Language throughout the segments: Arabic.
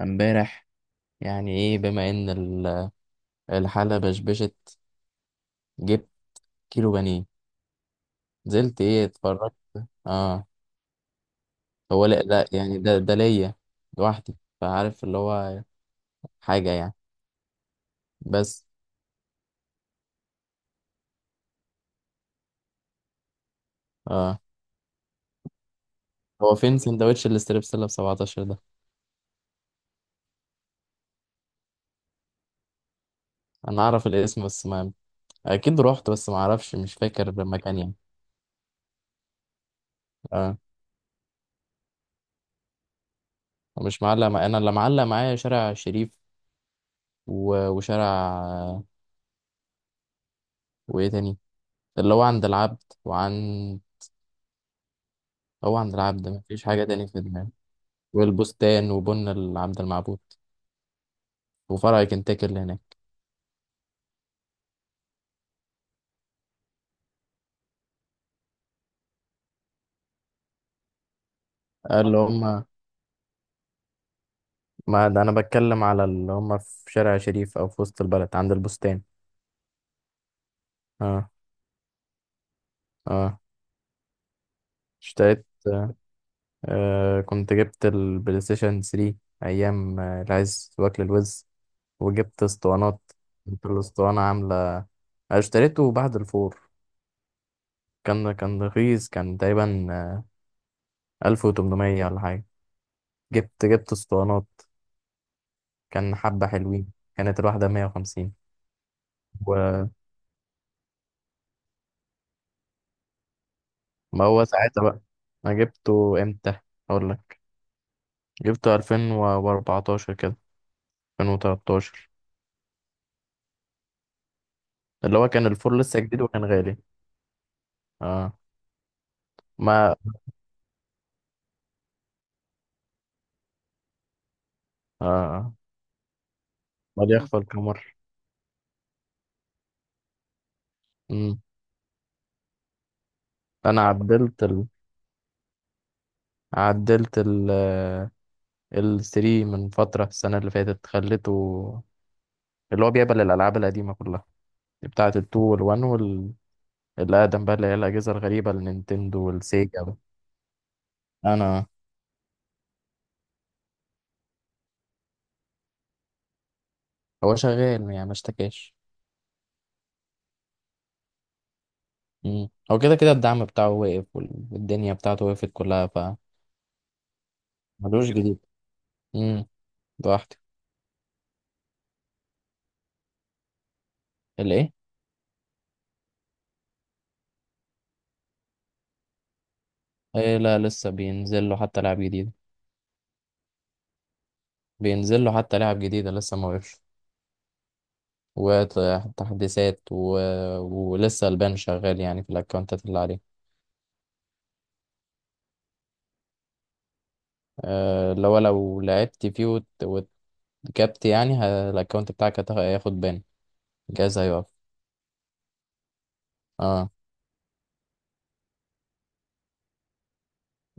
امبارح يعني ايه بما ان الحالة بشبشت، جبت كيلو بانيه، نزلت ايه اتفرجت. اه. هو، لا لا يعني ده ليا لوحدي، فعارف اللي هو حاجة يعني. بس. اه. هو فين سندوتش الاستريبسيلا ب 17 ده؟ انا اعرف الاسم بس ما... اكيد رحت بس ما اعرفش، مش فاكر المكان يعني. اه. مش معلق مع... انا اللي معلق معايا شارع شريف وشارع وايه تاني، اللي هو عند العبد وعند... هو عند العبد مفيش حاجة تاني في دماغي، والبستان وبن عبد المعبود وفرع كنتاكي اللي هناك. اللي هم... ما ده انا بتكلم على اللي هم في شارع شريف او في وسط البلد عند البستان. اه. اه. اشتريت. كنت جبت البلاي ستيشن 3، ايام العز واكل الوز، وجبت اسطوانات. كنت الاسطوانة عاملة اشتريته بعد الفور. كان رخيص، كان تقريبا 1800 ولا حاجة. جبت اسطوانات، كان حبة حلوين، كانت الواحدة 150. ما هو ساعتها بقى، انا جبته امتى؟ اقول لك. جبته 2014 كده، 2013. اللي هو كان الفور لسه جديد وكان غالي. اه. ما اه ما دي اخفى القمر. مم. انا عدلت ال ال 3 من فترة السنة اللي فاتت، خليته اللي هو بيقبل الألعاب القديمة كلها، بتاعة ال 2 وال 1 وال اللي أقدم بقى، اللي هي الأجهزة الغريبة، النينتندو والسيجا بقى. أنا. هو شغال يعني، ما اشتكاش. مم. هو كده كده الدعم بتاعه وقف، والدنيا بتاعته وقفت كلها، فملوش جديد. امم. لوحده. الايه؟ إيه؟ لا، لسه بينزل له حتى لعب جديد، بينزل له حتى لعب جديدة لسه ما وقفش، وتحديثات ولسه البان شغال يعني في الاكونتات اللي عليه. لو لعبت فيه وتكبت يعني الاكونت بتاعك هياخد بان، جايز هيقف. اه.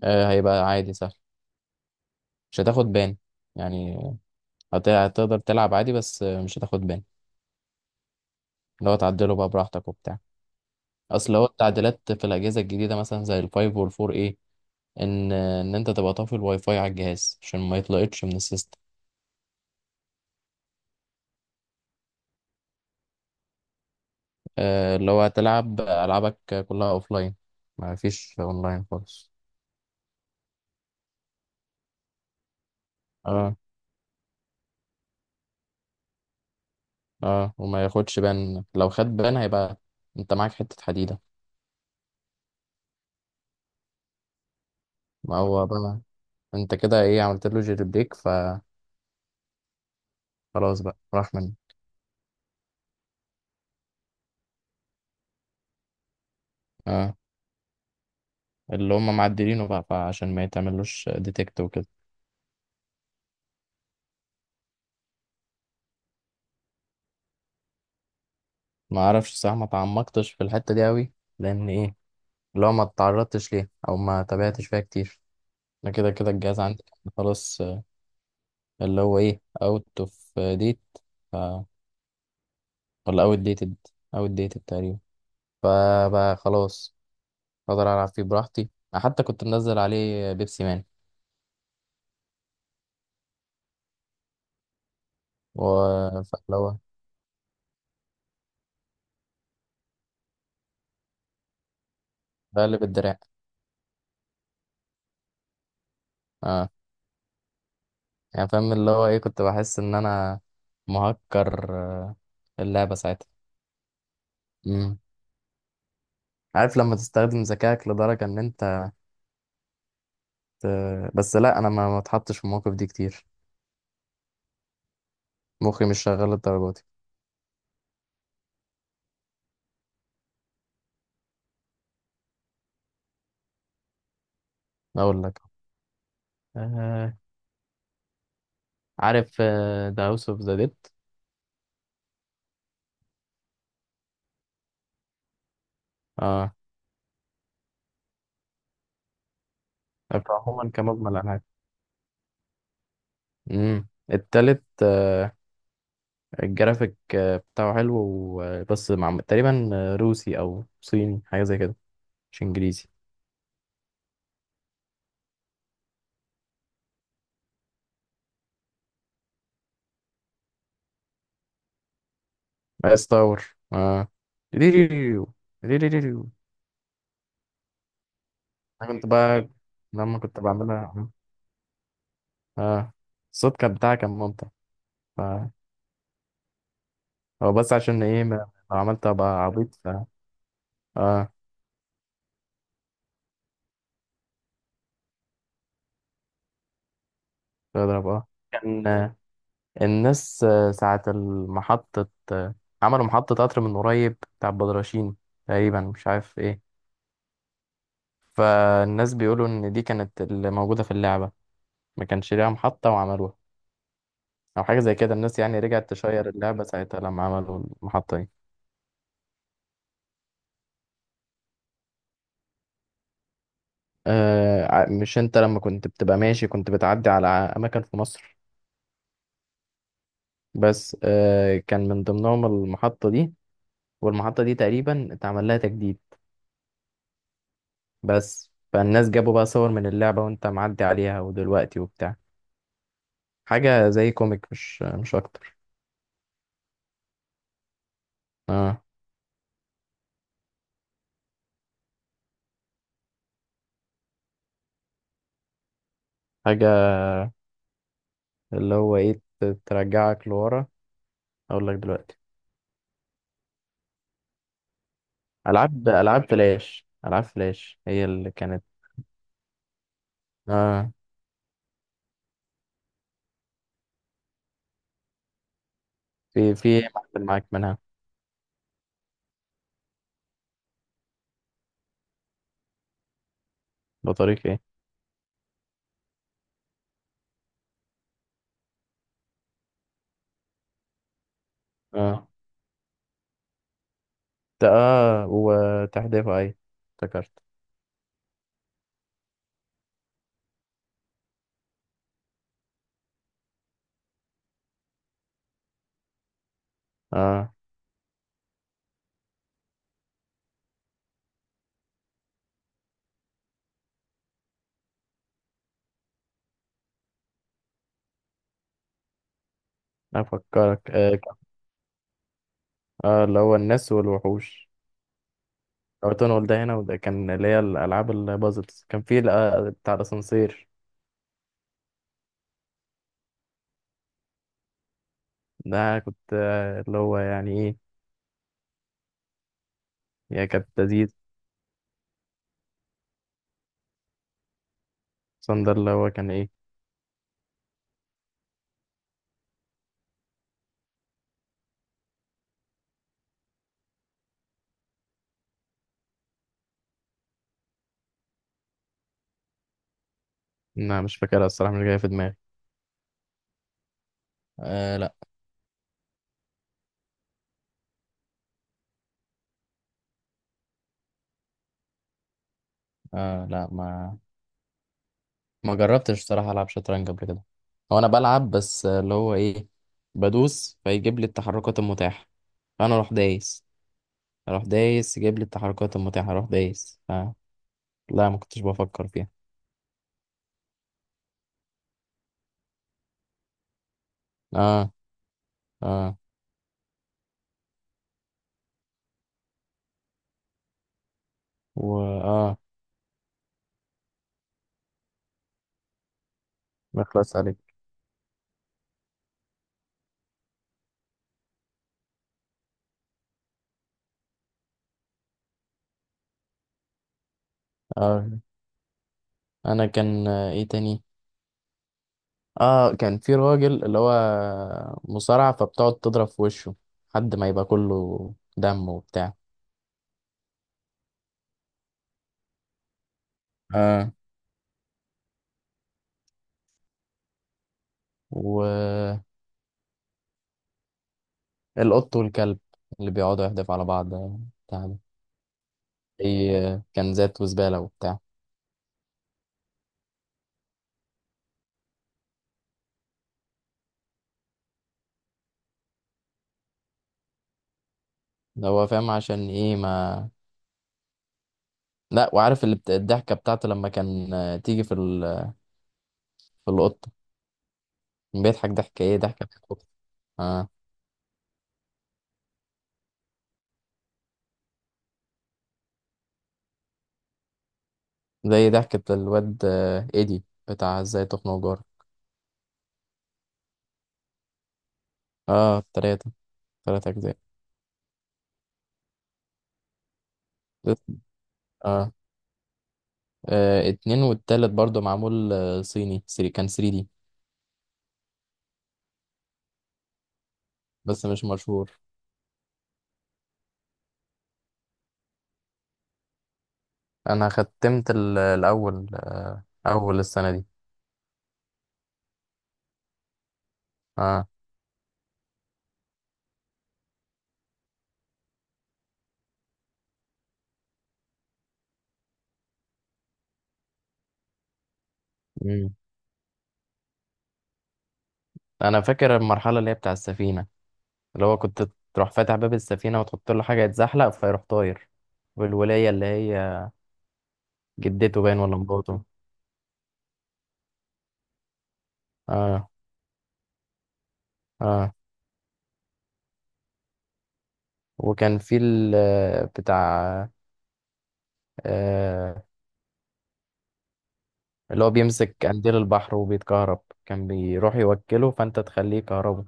هيبقى عادي سهل، مش هتاخد بان يعني. هتقدر تلعب عادي، بس مش هتاخد بان. اللي هو تعدله بقى براحتك وبتاع. اصل هو التعديلات في الاجهزه الجديده، مثلا زي الفايف والفور، ايه ان انت تبقى طافي الواي فاي على الجهاز عشان ما يطلقتش من السيستم. اللي هو تلعب العابك كلها اوفلاين، ما فيش اونلاين خالص. اه. اه. وما ياخدش بان، لو خد بان هيبقى انت معاك حته حديده. ما هو بقى، انت كده ايه عملت له جيري بريك فخلاص بقى راح منه. اه. اللي هم معدلينه بقى، فعشان ما يتعملوش ديتكت وكده. ما اعرفش صح، ما تعمقتش في الحتة دي قوي، لان ايه اللي هو ما اتعرضتش ليها او ما تابعتش فيها كتير. انا كده كده الجهاز عندي كان خلاص، اللي هو ايه اوت اوف ديت ف... ولا اوت ديتد. اوت ديتد تقريبا. فبقى خلاص اقدر العب فيه براحتي. أنا حتى كنت منزل عليه بيبسي مان و... فاللي هو بقلب الدراع. اه. يعني فاهم اللي هو ايه، كنت بحس ان انا مهكر اللعبة ساعتها. مم. عارف لما تستخدم ذكائك لدرجة ان انت... بس لا، انا ما اتحطش في المواقف دي كتير، مخي مش شغال للدرجه دي. اقول لك. آه عارف ذا هاوس اوف ذا ديد. اه. عموما كمجمل العاب. التالت، الجرافيك بتاعه حلو بس مع تقريبا روسي او صيني حاجه زي كده، مش انجليزي. بس تاور. اه. ريريريو، ريريريو. انا كنت بقى لما كنت بعملها. اه. الصوت كان بتاعها كان ممتع. ف- هو بس عشان ايه لو عملت ابقى عبيط. اه. تضرب، كان الناس ساعة المحطة عملوا محطة قطر من قريب بتاع بدرشين تقريبا، مش عارف ايه. فالناس بيقولوا ان دي كانت اللي موجودة في اللعبة، ما كانش ليها محطة وعملوها، او حاجة زي كده. الناس يعني رجعت تشير اللعبة ساعتها لما عملوا المحطة دي. آه. مش انت لما كنت بتبقى ماشي كنت بتعدي على اماكن في مصر، بس كان من ضمنهم المحطة دي، والمحطة دي تقريبا اتعمل لها تجديد. بس فالناس جابوا بقى صور من اللعبة وانت معدي عليها ودلوقتي وبتاع، حاجة زي كوميك، مش اكتر. اه. حاجة اللي هو ايه ترجعك لورا. اقول لك دلوقتي. العاب فلاش هي اللي كانت. اه. في إيه معفن معاك منها؟ بطريق ايه؟ اه. اه وتحديثها اي افتكرت. اه. افكرك. اه. اللي هو الناس والوحوش، او تنقل ده هنا وده، كان اللي هي الالعاب البازلز، كان في بتاع الاسانسير. ده كنت اللي هو يعني ايه، هي كانت تزيد. صندر اللي هو كان ايه؟ انا مش فاكرها الصراحة، مش جاية في دماغي. آه لا. آه لا. ما جربتش الصراحة العب شطرنج قبل كده. هو انا بلعب بس اللي هو ايه، بدوس فيجيب لي التحركات المتاحة، فانا اروح دايس. اروح دايس يجيب لي التحركات المتاحة، اروح دايس. لا ما كنتش بفكر فيها. اه. اه. و ما خلاص عليك. اه. انا كان ايه تاني. اه كان في راجل اللي هو مصارع، فبتقعد تضرب في وشه لحد ما يبقى كله دم وبتاع. اه. والقط والكلب اللي بيقعدوا يحدفوا على بعض بتاع ده، اي كنزات وزبالة وبتاع. ده هو فاهم عشان ايه ما... لا، وعارف اللي الضحكة بتاعته لما كان تيجي في في القطة، كان بيضحك ضحكة ايه، ضحكة بتاعت القطة. اه. زي ضحكة الواد ايدي بتاع ازاي تخنق جار. اه. تلاتة اجزاء. اه اتنين والتالت برضو معمول صيني سري كان 3D، بس مش مشهور. انا ختمت الاول اول السنة دي. اه. مم. انا فاكر المرحلة اللي هي بتاع السفينة، اللي هو كنت تروح فاتح باب السفينة وتحط له حاجة يتزحلق فيروح طاير. والولاية اللي هي جدته باين ولا مراته. اه. اه. وكان في ال بتاع آه اللي هو بيمسك قنديل البحر وبيتكهرب، كان بيروح يوكله فانت تخليه كهربه.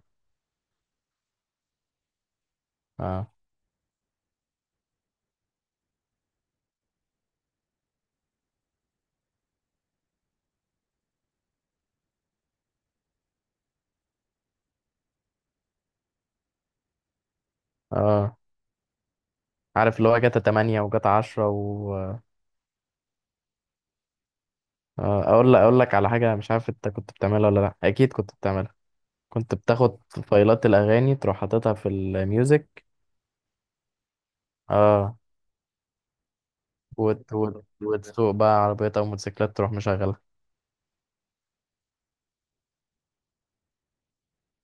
اه. اه عارف اللي هو جاتا 8 وجاتا 10 و... اقول لك على حاجه، مش عارف انت كنت بتعملها ولا لا، اكيد كنت بتعملها. كنت بتاخد فايلات الاغاني تروح حاططها في الميوزك. اه. وتسوق بقى عربيات او موتوسيكلات تروح مشغلها.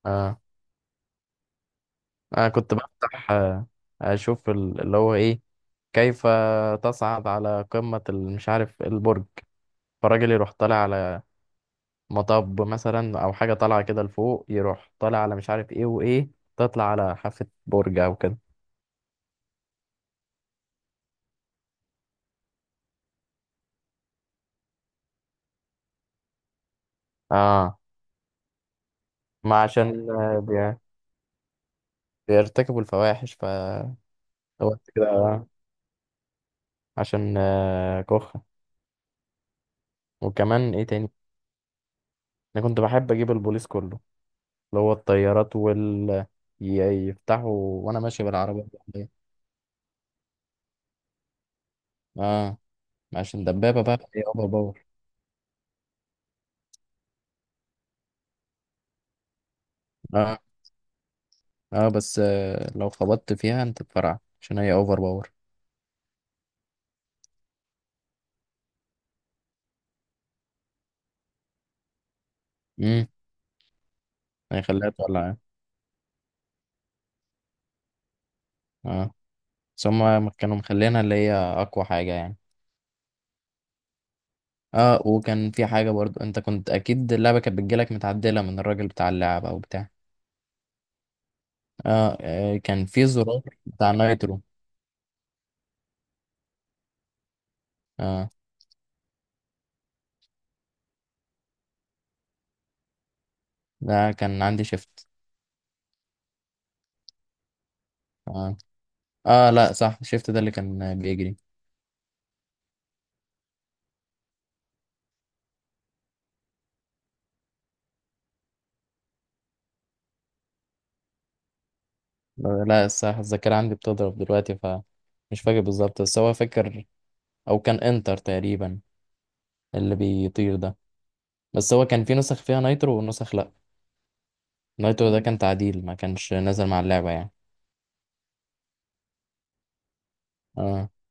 اه. انا كنت بفتح اشوف اللي هو ايه، كيف تصعد على قمه مش عارف، البرج. فالراجل يروح طالع على مطب مثلا او حاجه طالعه كده لفوق، يروح طالع على مش عارف ايه وايه، تطلع على حافه برج او كده. اه. ما عشان بيرتكبوا الفواحش ف... هو كده، عشان كخة. وكمان ايه تاني. انا كنت بحب اجيب البوليس كله، اللي هو الطيارات وال ي- يفتحوا وانا ماشي بالعربية دي. اه. عشان دبابة بقى هي اوفر باور. اه. اه. بس لو خبطت فيها انت بفرع عشان هي اوفر باور. امم. هيخليها تولع يعني. اه. بس هما كانوا مخلينها اللي هي اقوى حاجة يعني. اه. وكان في حاجة برضو، انت كنت اكيد اللعبة كانت بتجيلك متعدلة من الراجل بتاع اللعبة او بتاع. اه كان في زرار بتاع نايترو. اه. ده كان عندي شيفت. اه. اه. لا صح، الشيفت ده اللي كان بيجري. لا صح، الذاكرة عندي بتضرب دلوقتي ف... مش فاكر بالظبط بس هو فاكر. او كان انتر تقريبا اللي بيطير ده. بس هو كان في نسخ فيها نايترو ونسخ لا. نايترو ده كان تعديل ما كانش نازل مع اللعبة يعني. اه.